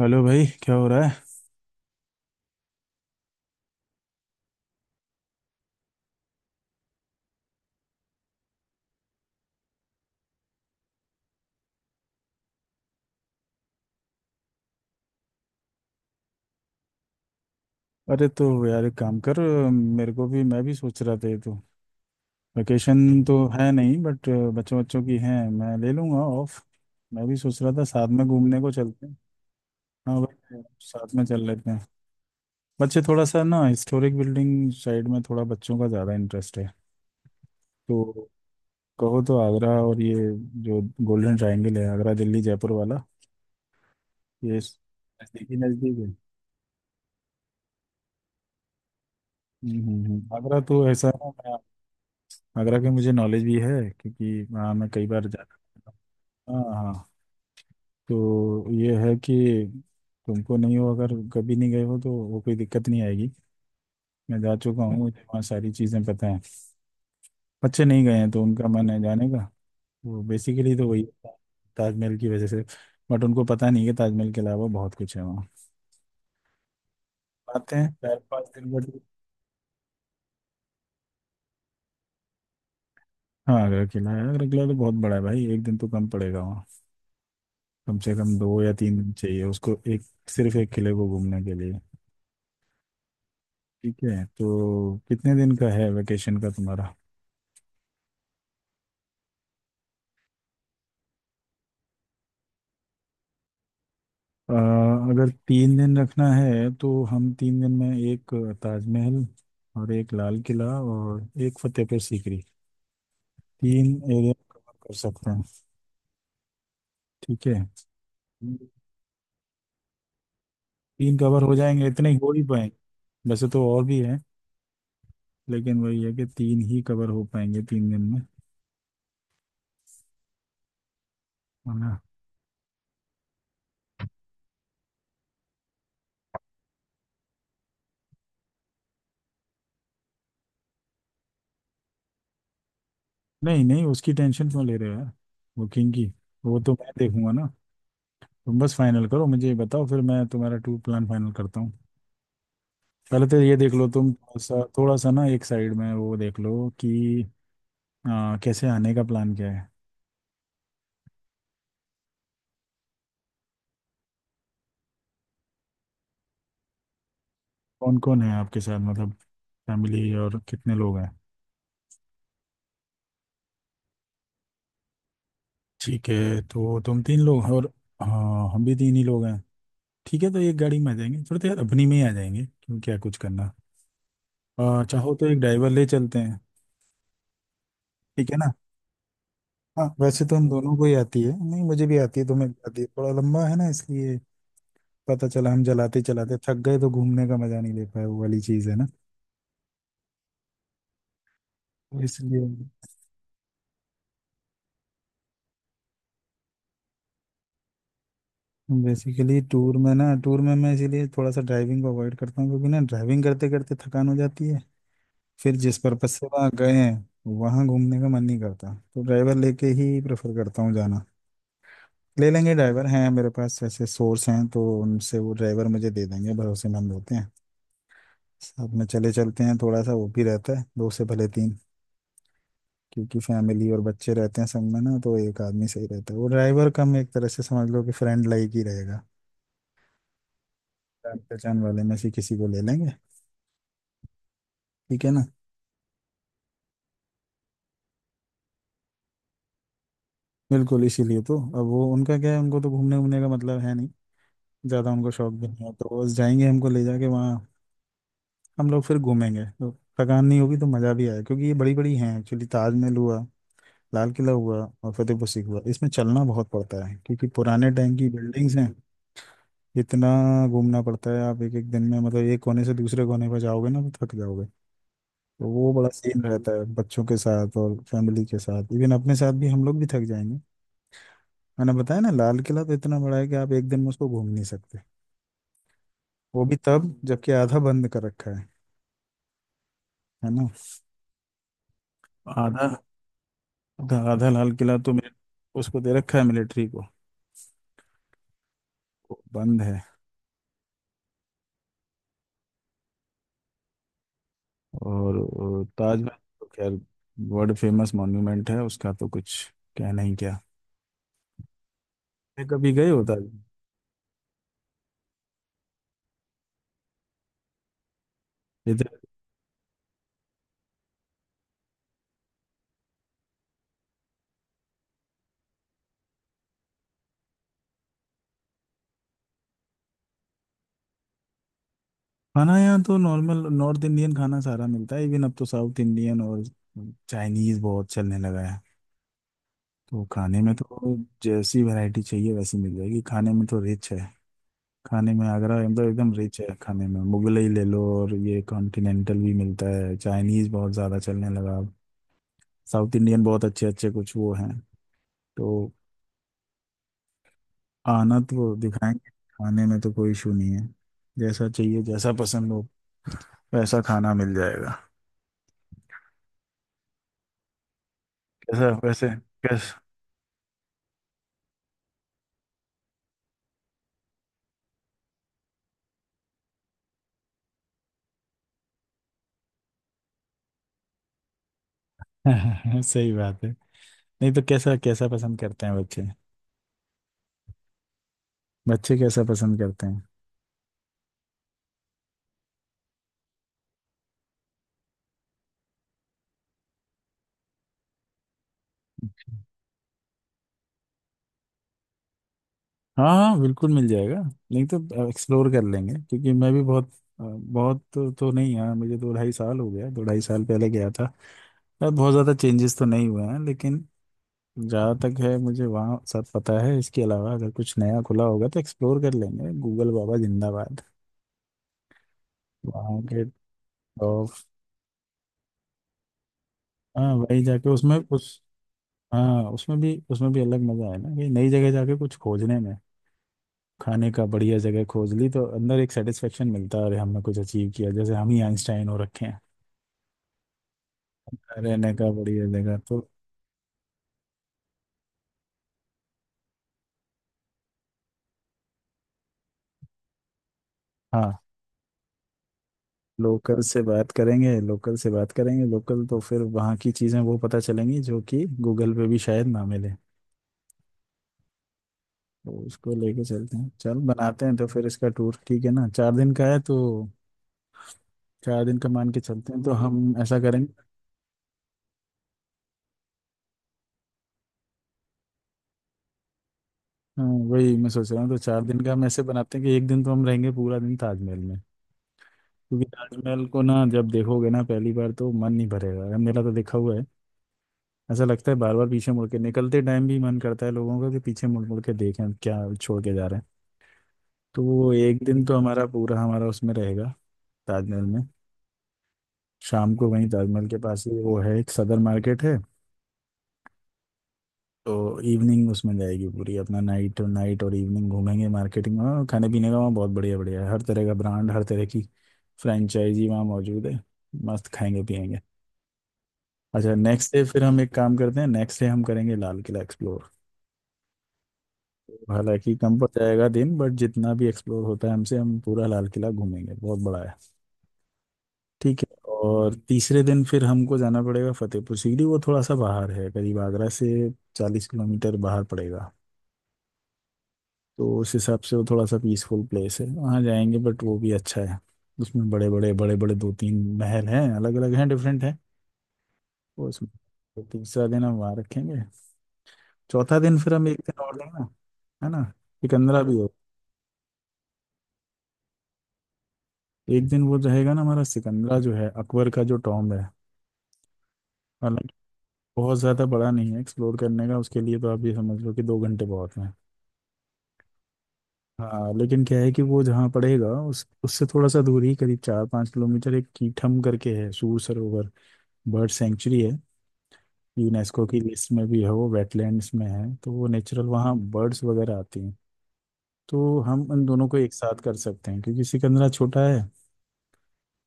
Hello भाई, क्या हो रहा है? अरे तो यार एक काम कर। मेरे को भी, मैं भी सोच रहा था ये तो वैकेशन तो है नहीं, बट बच्चों बच्चों की है, मैं ले लूँगा ऑफ। मैं भी सोच रहा था साथ में घूमने को चलते हैं। हाँ भाई, साथ में चल लेते हैं। बच्चे थोड़ा सा ना हिस्टोरिक बिल्डिंग साइड में, थोड़ा बच्चों का ज़्यादा इंटरेस्ट है। तो कहो तो आगरा, और ये जो गोल्डन ट्रायंगल है, आगरा दिल्ली जयपुर वाला, ये नज़दीक ही नज़दीक है। आगरा तो ऐसा है। आगरा की मुझे नॉलेज भी है क्योंकि वहाँ मैं कई बार जाता हूँ। हाँ हाँ, तो ये है कि तुमको नहीं हो, अगर कभी नहीं गए हो तो वो कोई दिक्कत नहीं आएगी। मैं जा चुका हूँ, मुझे वहाँ सारी चीज़ें पता हैं। बच्चे नहीं गए हैं तो उनका मन है जाने का। वो बेसिकली तो वही है, ताजमहल की वजह से। बट उनको पता नहीं है कि ताजमहल के अलावा बहुत कुछ है वहाँ। आते हैं 4 पाँच दिन बाद। हाँ आगरा किला है, आगरा किला तो बहुत बड़ा है भाई, 1 दिन तो कम पड़ेगा वहाँ। कम से कम 2 या 3 दिन चाहिए उसको, एक सिर्फ एक किले को घूमने के लिए। ठीक है, तो कितने दिन का है वेकेशन का तुम्हारा? अ, अगर 3 दिन रखना है तो हम 3 दिन में एक ताजमहल, और एक लाल किला, और एक फतेहपुर सीकरी, 3 एरिया कवर कर सकते हैं। ठीक है। तीन कवर हो जाएंगे, इतने ही हो ही पाएंगे। वैसे तो और भी है, लेकिन वही है कि तीन ही कवर हो पाएंगे 3 दिन में, है ना। नहीं नहीं, उसकी टेंशन क्यों ले रहे हो यार? बुकिंग की वो तो मैं देखूंगा ना। तुम बस फाइनल करो, मुझे ये बताओ, फिर मैं तुम्हारा टूर प्लान फाइनल करता हूँ। पहले तो ये देख लो तुम, थोड़ा सा ना एक साइड में वो देख लो कि कैसे आने का प्लान क्या है? कौन कौन है आपके साथ, मतलब फैमिली और कितने लोग हैं? ठीक है, तो तुम 3 लोग हैं, और हाँ हम भी 3 ही लोग हैं। ठीक है, तो एक गाड़ी में आ जाएंगे, थोड़ी देर अपनी में ही आ जाएंगे, क्यों, क्या कुछ करना? चाहो तो एक ड्राइवर ले चलते हैं, ठीक है ना। हाँ वैसे तो हम दोनों को ही आती है, नहीं मुझे भी आती है, तुम्हें भी आती है, थोड़ा लंबा है ना इसलिए। पता चला हम जलाते चलाते थक गए तो घूमने का मजा नहीं ले पाए, वो वाली चीज़ है ना। तो इसलिए बेसिकली टूर में ना, टूर में मैं इसीलिए थोड़ा सा ड्राइविंग को अवॉइड करता हूँ, क्योंकि ना ड्राइविंग करते करते थकान हो जाती है। फिर जिस पर्पज से वहाँ गए हैं, वहाँ घूमने का मन नहीं करता। तो ड्राइवर लेके ही प्रेफर करता हूँ जाना। ले लेंगे ड्राइवर, हैं मेरे पास ऐसे सोर्स, हैं तो उनसे वो ड्राइवर मुझे दे देंगे, भरोसेमंद होते हैं। साथ में चले चलते हैं, थोड़ा सा वो भी रहता है, दो से भले तीन। क्योंकि फैमिली और बच्चे रहते हैं संग में ना, तो एक आदमी सही रहता है। वो ड्राइवर कम, एक तरह से समझ लो कि फ्रेंड लाइक ही रहेगा। जान पहचान वाले में से किसी को ले लेंगे, ठीक है ना। बिल्कुल, इसीलिए तो। अब वो उनका क्या है, उनको तो घूमने घूमने का मतलब है नहीं, ज़्यादा उनको शौक भी नहीं है। तो वो बस जाएंगे हमको ले जाके वहाँ, हम लोग फिर घूमेंगे तो थकान नहीं होगी तो मज़ा भी आएगा। क्योंकि ये बड़ी बड़ी हैं एक्चुअली, ताजमहल हुआ, लाल किला हुआ, और फतेहपुर सीकरी हुआ, इसमें चलना बहुत पड़ता है क्योंकि पुराने टाइम की बिल्डिंग्स हैं। इतना घूमना पड़ता है, आप एक एक दिन में मतलब एक कोने से दूसरे कोने पर जाओगे ना, तो थक जाओगे। तो वो बड़ा सीन रहता है बच्चों के साथ और फैमिली के साथ, इवन अपने साथ भी, हम लोग भी थक जाएंगे। मैंने बताया ना, लाल किला तो इतना बड़ा है कि आप एक दिन में उसको घूम नहीं सकते। वो भी तब जबकि आधा बंद कर रखा है ना। आधा, आधा लाल किला तो उसको दे रखा है मिलिट्री को, वो बंद है। और ताजमहल तो खैर वर्ल्ड फेमस मॉन्यूमेंट है, उसका तो कुछ कहना ही क्या। मैं कभी गए हो ताजमहल? इधर खाना, यहाँ तो नॉर्मल नॉर्थ इंडियन खाना सारा मिलता है, इवन अब तो साउथ इंडियन और चाइनीज बहुत चलने लगा है। तो खाने में तो जैसी वैरायटी चाहिए वैसी मिल जाएगी, खाने में तो रिच है। खाने में आगरा मतलब एकदम रिच है, खाने में मुगलई ले लो, और ये कॉन्टिनेंटल भी मिलता है, चाइनीज बहुत ज़्यादा चलने लगा, साउथ इंडियन बहुत अच्छे अच्छे कुछ वो हैं। तो आना तो दिखाएंगे, खाने में तो कोई इशू नहीं है। जैसा चाहिए, जैसा पसंद हो, वैसा खाना मिल जाएगा। कैसा वैसे, कैसा? सही बात है। नहीं तो कैसा कैसा पसंद करते हैं बच्चे? बच्चे कैसा पसंद करते हैं? हाँ हाँ, बिल्कुल मिल जाएगा। नहीं तो एक्सप्लोर कर लेंगे, क्योंकि मैं भी बहुत बहुत तो नहीं, यार मुझे 2 ढाई साल हो गया, 2 ढाई साल पहले गया था। यार बहुत ज़्यादा चेंजेस तो नहीं हुए हैं लेकिन, जहाँ तक है मुझे वहाँ सब पता है। इसके अलावा अगर कुछ नया खुला होगा तो एक्सप्लोर कर लेंगे, गूगल बाबा जिंदाबाद। वहाँ के टॉप, हाँ वही जाके उसमें उस, हाँ उसमें भी, उसमें भी अलग मज़ा है ना कि नई जगह जाके कुछ खोजने में। खाने का बढ़िया जगह खोज ली तो अंदर एक सेटिस्फेक्शन मिलता है, अरे हमने कुछ अचीव किया जैसे, हम ही आइंस्टाइन हो रखे हैं। अरे नगा बढ़िया जगह तो, हाँ। लोकल से बात करेंगे, लोकल से बात करेंगे, लोकल तो फिर वहाँ की चीज़ें वो पता चलेंगी जो कि गूगल पे भी शायद ना मिले। तो उसको लेके चलते हैं, चल बनाते हैं तो फिर इसका टूर, ठीक है ना, चार दिन का है तो 4 दिन का मान के चलते हैं, तो हम ऐसा करेंगे। हाँ, वही मैं सोच रहा हूँ, तो चार दिन का हम ऐसे बनाते हैं कि एक दिन तो हम रहेंगे पूरा दिन ताजमहल में। क्योंकि ताजमहल को ना जब देखोगे ना पहली बार, तो मन नहीं भरेगा, मेरा तो देखा हुआ है। ऐसा लगता है बार बार पीछे मुड़ के, निकलते टाइम भी मन करता है लोगों का कि पीछे मुड़ मुड़ के देखें हम, क्या छोड़ के जा रहे हैं। तो वो एक दिन तो हमारा पूरा, हमारा उसमें रहेगा, ताजमहल में। शाम को वहीं ताजमहल के पास ही वो है, एक सदर मार्केट है, तो इवनिंग उसमें जाएगी पूरी अपना। नाइट नाइट और इवनिंग घूमेंगे, मार्केटिंग में, खाने पीने का वहाँ बहुत बढ़िया बढ़िया है, हर तरह का ब्रांड, हर तरह की फ्रेंचाइजी वहाँ मौजूद है। मस्त खाएंगे पियेंगे। अच्छा, नेक्स्ट डे फिर हम एक काम करते हैं, नेक्स्ट डे हम करेंगे लाल किला एक्सप्लोर। हालांकि कम पड़ जाएगा दिन, बट जितना भी एक्सप्लोर होता है हमसे, हम पूरा लाल किला घूमेंगे, बहुत बड़ा है। ठीक है, और तीसरे दिन फिर हमको जाना पड़ेगा फतेहपुर सीकरी, वो थोड़ा सा बाहर है करीब आगरा से, 40 किलोमीटर बाहर पड़ेगा। तो उस हिसाब से वो थोड़ा सा पीसफुल प्लेस है, वहाँ जाएंगे, बट वो भी अच्छा है। उसमें बड़े बड़े दो तीन महल हैं, अलग अलग हैं, डिफरेंट हैं वो उसमें। तो तीसरा दिन हम वहाँ रखेंगे। चौथा दिन फिर हम एक दिन और लेंगे, है ना, सिकंदरा भी हो। एक दिन वो रहेगा ना हमारा सिकंदरा, जो है अकबर का जो टॉम्ब है। हालांकि बहुत ज़्यादा बड़ा नहीं है एक्सप्लोर करने का, उसके लिए तो आप ये समझ लो कि 2 घंटे बहुत हैं। हाँ लेकिन क्या है कि वो जहाँ पड़ेगा उस, उससे थोड़ा सा दूर ही, करीब 4 पाँच किलोमीटर, एक कीठम करके है, सूर सरोवर, बर्ड सेंचुरी है। यूनेस्को की लिस्ट में भी है, वो वेटलैंड्स में है, तो वो नेचुरल वहाँ बर्ड्स वगैरह आती हैं। तो हम उन दोनों को एक साथ कर सकते हैं, क्योंकि सिकंदरा छोटा है,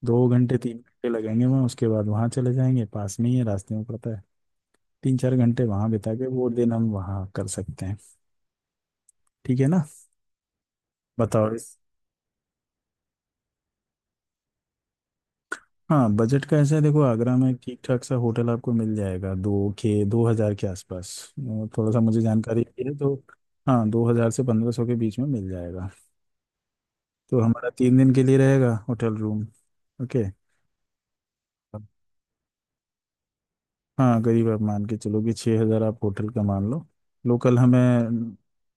2 घंटे 3 घंटे लगेंगे वहाँ। उसके बाद वहाँ चले जाएंगे, पास में ही है, रास्ते में पड़ता है। 3 चार घंटे वहां बिता के वो दिन हम वहां कर सकते हैं, ठीक है ना। बताओ इस, हाँ बजट का ऐसा है, देखो आगरा में ठीक ठाक सा होटल आपको मिल जाएगा दो के, 2 हजार के आसपास। थोड़ा सा मुझे जानकारी भी है तो। हाँ 2,000 से 1,500 के बीच में मिल जाएगा। तो हमारा 3 दिन के लिए रहेगा होटल रूम। ओके। हाँ करीब आप मान के चलो कि 6 हज़ार आप होटल का मान लो। लोकल हमें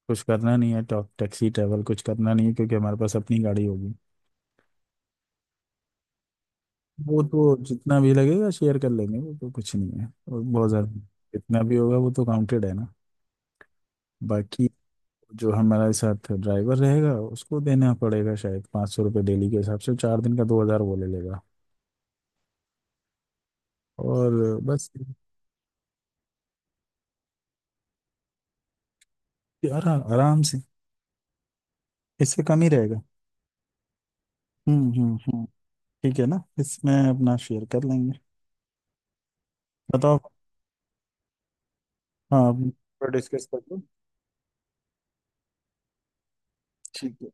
कुछ करना नहीं है, टॉक टैक्सी ट्रैवल कुछ करना नहीं है, क्योंकि हमारे पास अपनी गाड़ी होगी। वो तो जितना भी लगेगा शेयर कर लेंगे, वो तो कुछ नहीं है। और बहुत ज़्यादा, जितना भी होगा वो तो काउंटेड है ना। बाकी जो हमारे साथ ड्राइवर रहेगा उसको देना पड़ेगा, शायद ₹500 डेली के हिसाब से, 4 दिन का 2 हज़ार वो ले लेगा। और बस। यार आराम से, इससे कम ही रहेगा। हम्म, ठीक है ना, इसमें अपना शेयर कर लेंगे। बताओ। हाँ डिस्कस कर लो। ठीक है,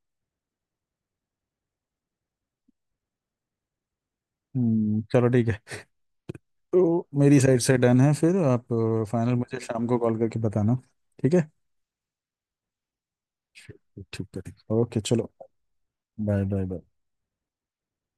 चलो ठीक है। तो मेरी साइड से डन है, फिर आप फाइनल मुझे शाम को कॉल करके बताना, ठीक है। ठीक ठीक है ठीक, ओके चलो। Bye bye bye.